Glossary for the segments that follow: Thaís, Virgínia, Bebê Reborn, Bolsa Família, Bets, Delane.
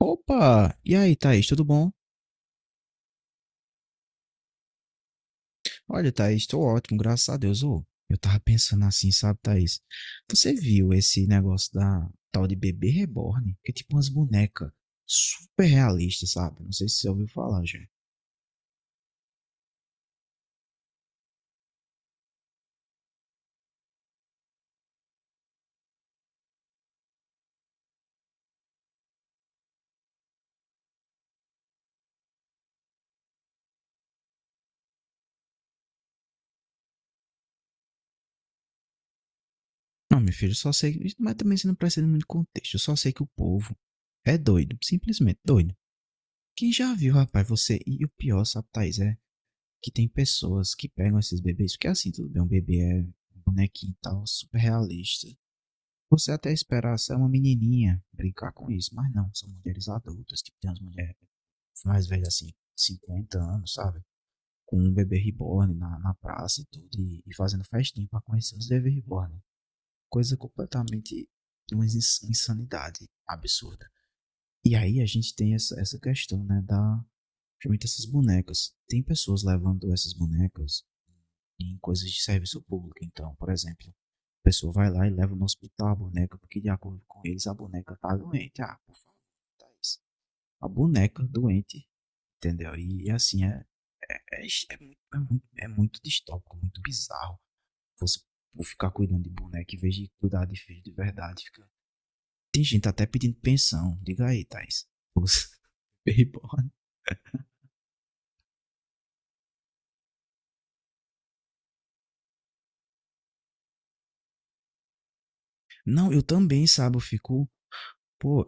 Opa! E aí, Thaís, tudo bom? Olha, Thaís, tô ótimo, graças a Deus. Ô, eu tava pensando assim, sabe, Thaís? Você viu esse negócio da tal de bebê reborn? Que é tipo umas bonecas super realistas, sabe? Não sei se você ouviu falar, já. Não, meu filho, eu só sei, mas também você não precisa de muito contexto. Eu só sei que o povo é doido, simplesmente doido. Quem já viu, rapaz, você. E o pior, sabe, Thaís, é que tem pessoas que pegam esses bebês, porque assim, tudo bem, um bebê é um bonequinho e tal, super realista. Você até esperar ser uma menininha brincar com isso, mas não, são mulheres adultas, que tem umas mulheres mais velhas assim, 50 anos, sabe? Com um bebê reborn na praça e tudo, e fazendo festinha pra conhecer os bebês reborn. Coisa completamente, uma insanidade absurda. E aí a gente tem essa questão, né, da, principalmente essas bonecas. Tem pessoas levando essas bonecas em coisas de serviço público. Então, por exemplo, a pessoa vai lá e leva no hospital a boneca, porque de acordo com eles a boneca tá doente. Ah, por favor, tá isso. A boneca doente, entendeu? E assim, é, é muito distópico, muito bizarro. Você ficar cuidando de boneca em vez de cuidar de filho de verdade. Tem gente até pedindo pensão. Diga aí, Thais. Não, eu também, sabe? Eu fico. Pô,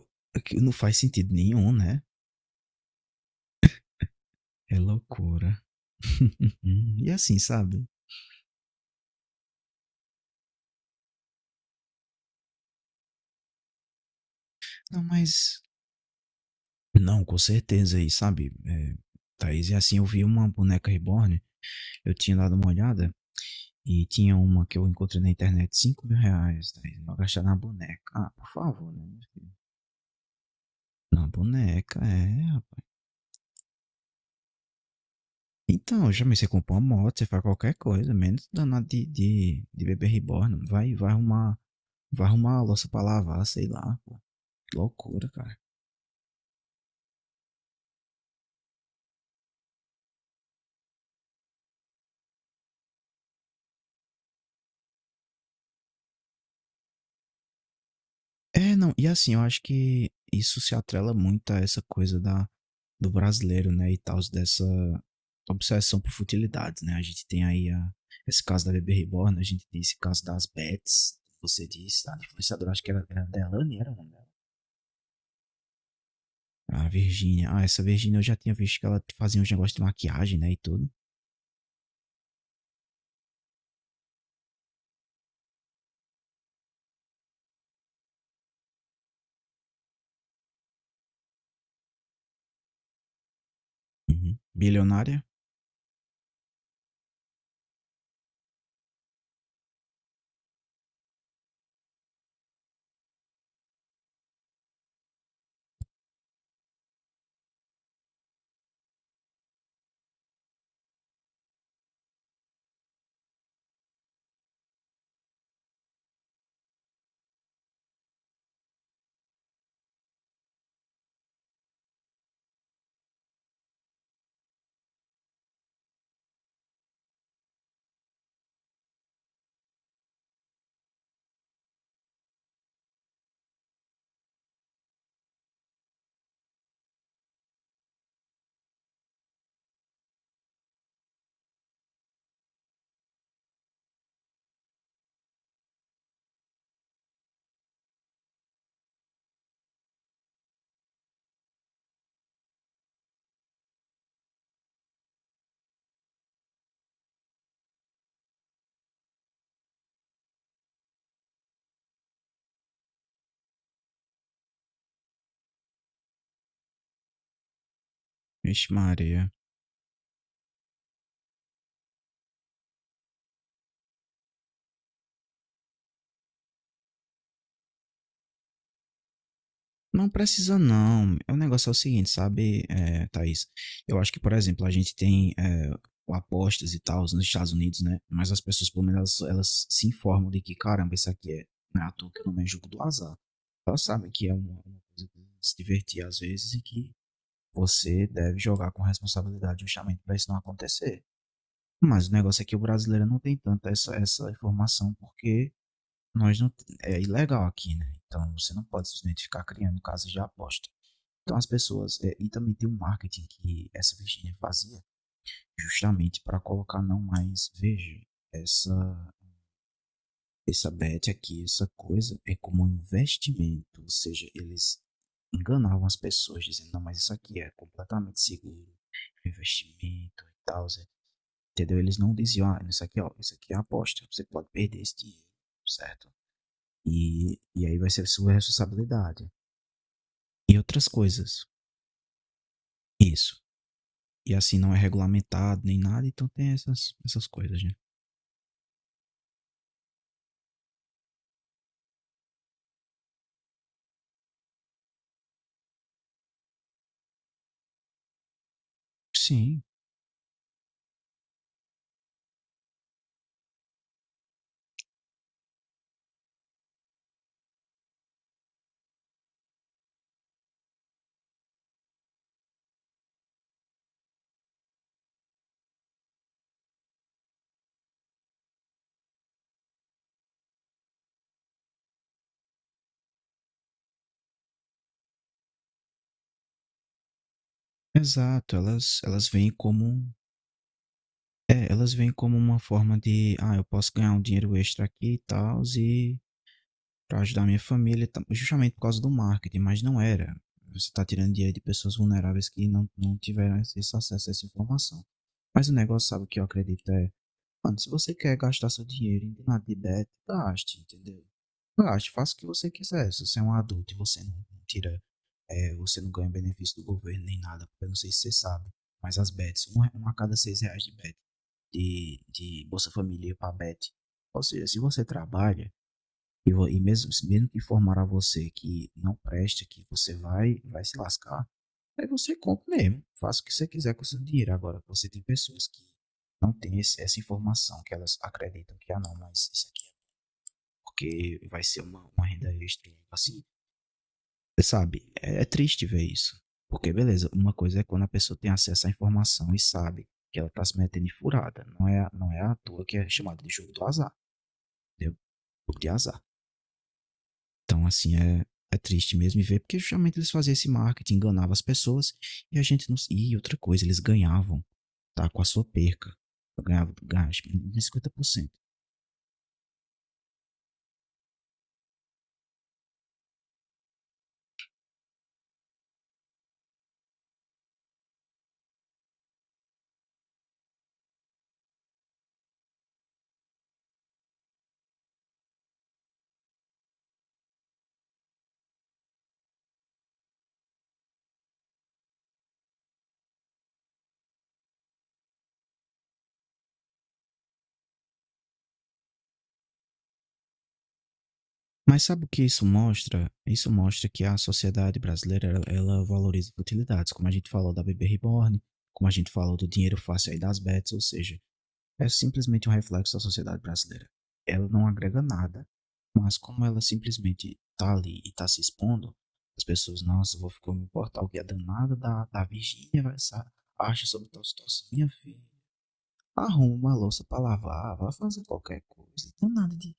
não faz sentido nenhum, né? É loucura. E assim, sabe? Não, mas. Não, com certeza aí, sabe? É, Thaís, e assim, eu vi uma boneca reborn, eu tinha dado uma olhada, e tinha uma que eu encontrei na internet, 5.000 reais, Thaís, eu vou gastar na boneca. Ah, por favor, né? meu Na boneca, é, rapaz. Então, já me você compra uma moto, você faz qualquer coisa, menos danado de bebê reborn, vai arrumar a louça pra lavar, sei lá, pô. Loucura, cara. É, não, e assim, eu acho que isso se atrela muito a essa coisa da, do brasileiro, né, e tal, dessa obsessão por futilidades, né? A gente tem aí a, esse caso da Bebê Reborn, a gente tem esse caso das Bets, você disse, a influenciadora, acho que era, Delane, era o nome dela. A Virgínia, ah, essa Virgínia eu já tinha visto que ela fazia uns negócios de maquiagem, né, e tudo. Uhum. Bilionária? Vixe Maria. Não precisa não. O negócio é o seguinte, sabe, é, Thaís? Eu acho que, por exemplo, a gente tem apostas e tal nos Estados Unidos, né? Mas as pessoas, pelo menos, elas se informam de que, caramba, isso aqui é, não é à toa que o é jogo do azar. Elas sabem que é uma coisa de se divertir às vezes e que você deve jogar com responsabilidade justamente para isso não acontecer. Mas o negócio é que o brasileiro não tem tanta essa informação porque nós não, é ilegal aqui, né? Então você não pode simplesmente ficar criando casas de aposta. Então as pessoas. E também tem um marketing que essa Virginia fazia justamente para colocar não mais. Veja, essa, essa bet aqui, essa coisa é como um investimento. Ou seja, eles enganavam as pessoas dizendo, não, mas isso aqui é completamente seguro, é investimento e tal. Zé." Entendeu? Eles não diziam, ah, isso aqui, ó, isso aqui é aposta, você pode perder esse dinheiro, certo? E aí vai ser sua responsabilidade. E outras coisas. Isso. E assim não é regulamentado nem nada, então tem essas coisas, gente. Sim, exato. Elas vêm como. É, elas vêm como uma forma de. Ah, eu posso ganhar um dinheiro extra aqui e tal, e pra ajudar minha família, e tal, justamente por causa do marketing, mas não era. Você tá tirando dinheiro de pessoas vulneráveis que não tiveram esse acesso a essa informação. Mas o negócio, sabe o que eu acredito? É, mano, se você quer gastar seu dinheiro em nada de bet, gaste, entendeu? Gaste, faça o que você quiser. Se você é um adulto e você não tira, você não ganha benefício do governo nem nada, porque eu não sei se você sabe, mas as bets, uma a cada 6 reais de bet, de Bolsa Família para bet. Ou seja, se você trabalha, e mesmo, mesmo que informar a você que não presta, que você vai se lascar, aí você compra mesmo, faça o que você quiser com o seu dinheiro. Agora, você tem pessoas que não têm essa informação, que elas acreditam que, ah não, mas isso aqui é porque vai ser uma renda extra, assim, sabe? É triste ver isso. Porque, beleza, uma coisa é quando a pessoa tem acesso à informação e sabe que ela tá se metendo em furada. Não é à toa que é chamado de jogo do azar, entendeu? Jogo de azar. Então, assim, é triste mesmo ver, porque justamente eles faziam esse marketing, enganavam as pessoas e a gente não. E outra coisa, eles ganhavam, tá? Com a sua perca. Ganhava 50%. Mas sabe o que isso mostra? Isso mostra que a sociedade brasileira, ela valoriza utilidades, como a gente falou da bebê reborn, como a gente falou do dinheiro fácil aí das bets, ou seja, é simplesmente um reflexo da sociedade brasileira. Ela não agrega nada, mas como ela simplesmente tá ali e tá se expondo, as pessoas, nossa, vou ficar me importar o que a danada da Virgínia vai acha sobre tal situação. Minha filha, arruma a louça pra lavar, vai fazer qualquer coisa. Danada de,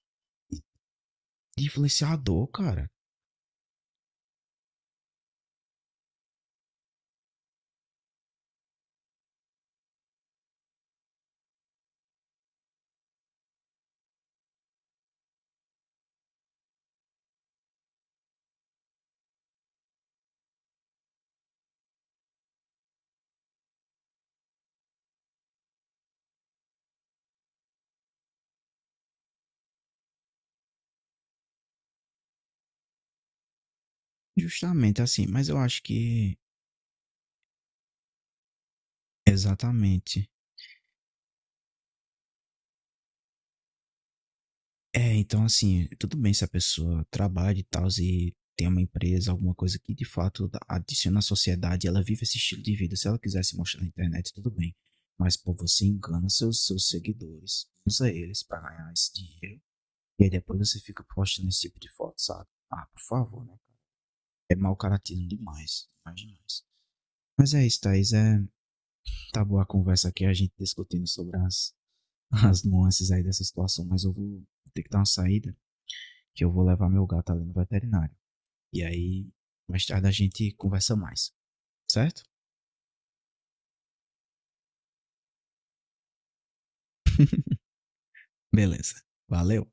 de influenciador, cara. Justamente assim, mas eu acho que exatamente. É, então assim, tudo bem se a pessoa trabalha e tal, e tem uma empresa, alguma coisa que de fato adiciona à sociedade, ela vive esse estilo de vida. Se ela quiser se mostrar na internet, tudo bem. Mas, pô, você engana seus seguidores, usa eles pra ganhar esse dinheiro, e aí depois você fica postando esse tipo de foto, sabe? Ah, por favor, né? É mau caratismo demais, demais, demais. Mas é isso, Thaís. É, tá boa a conversa aqui, a gente discutindo sobre as nuances aí dessa situação, mas eu vou ter que dar uma saída, que eu vou levar meu gato ali no veterinário. E aí, mais tarde a gente conversa mais, certo? Beleza. Valeu!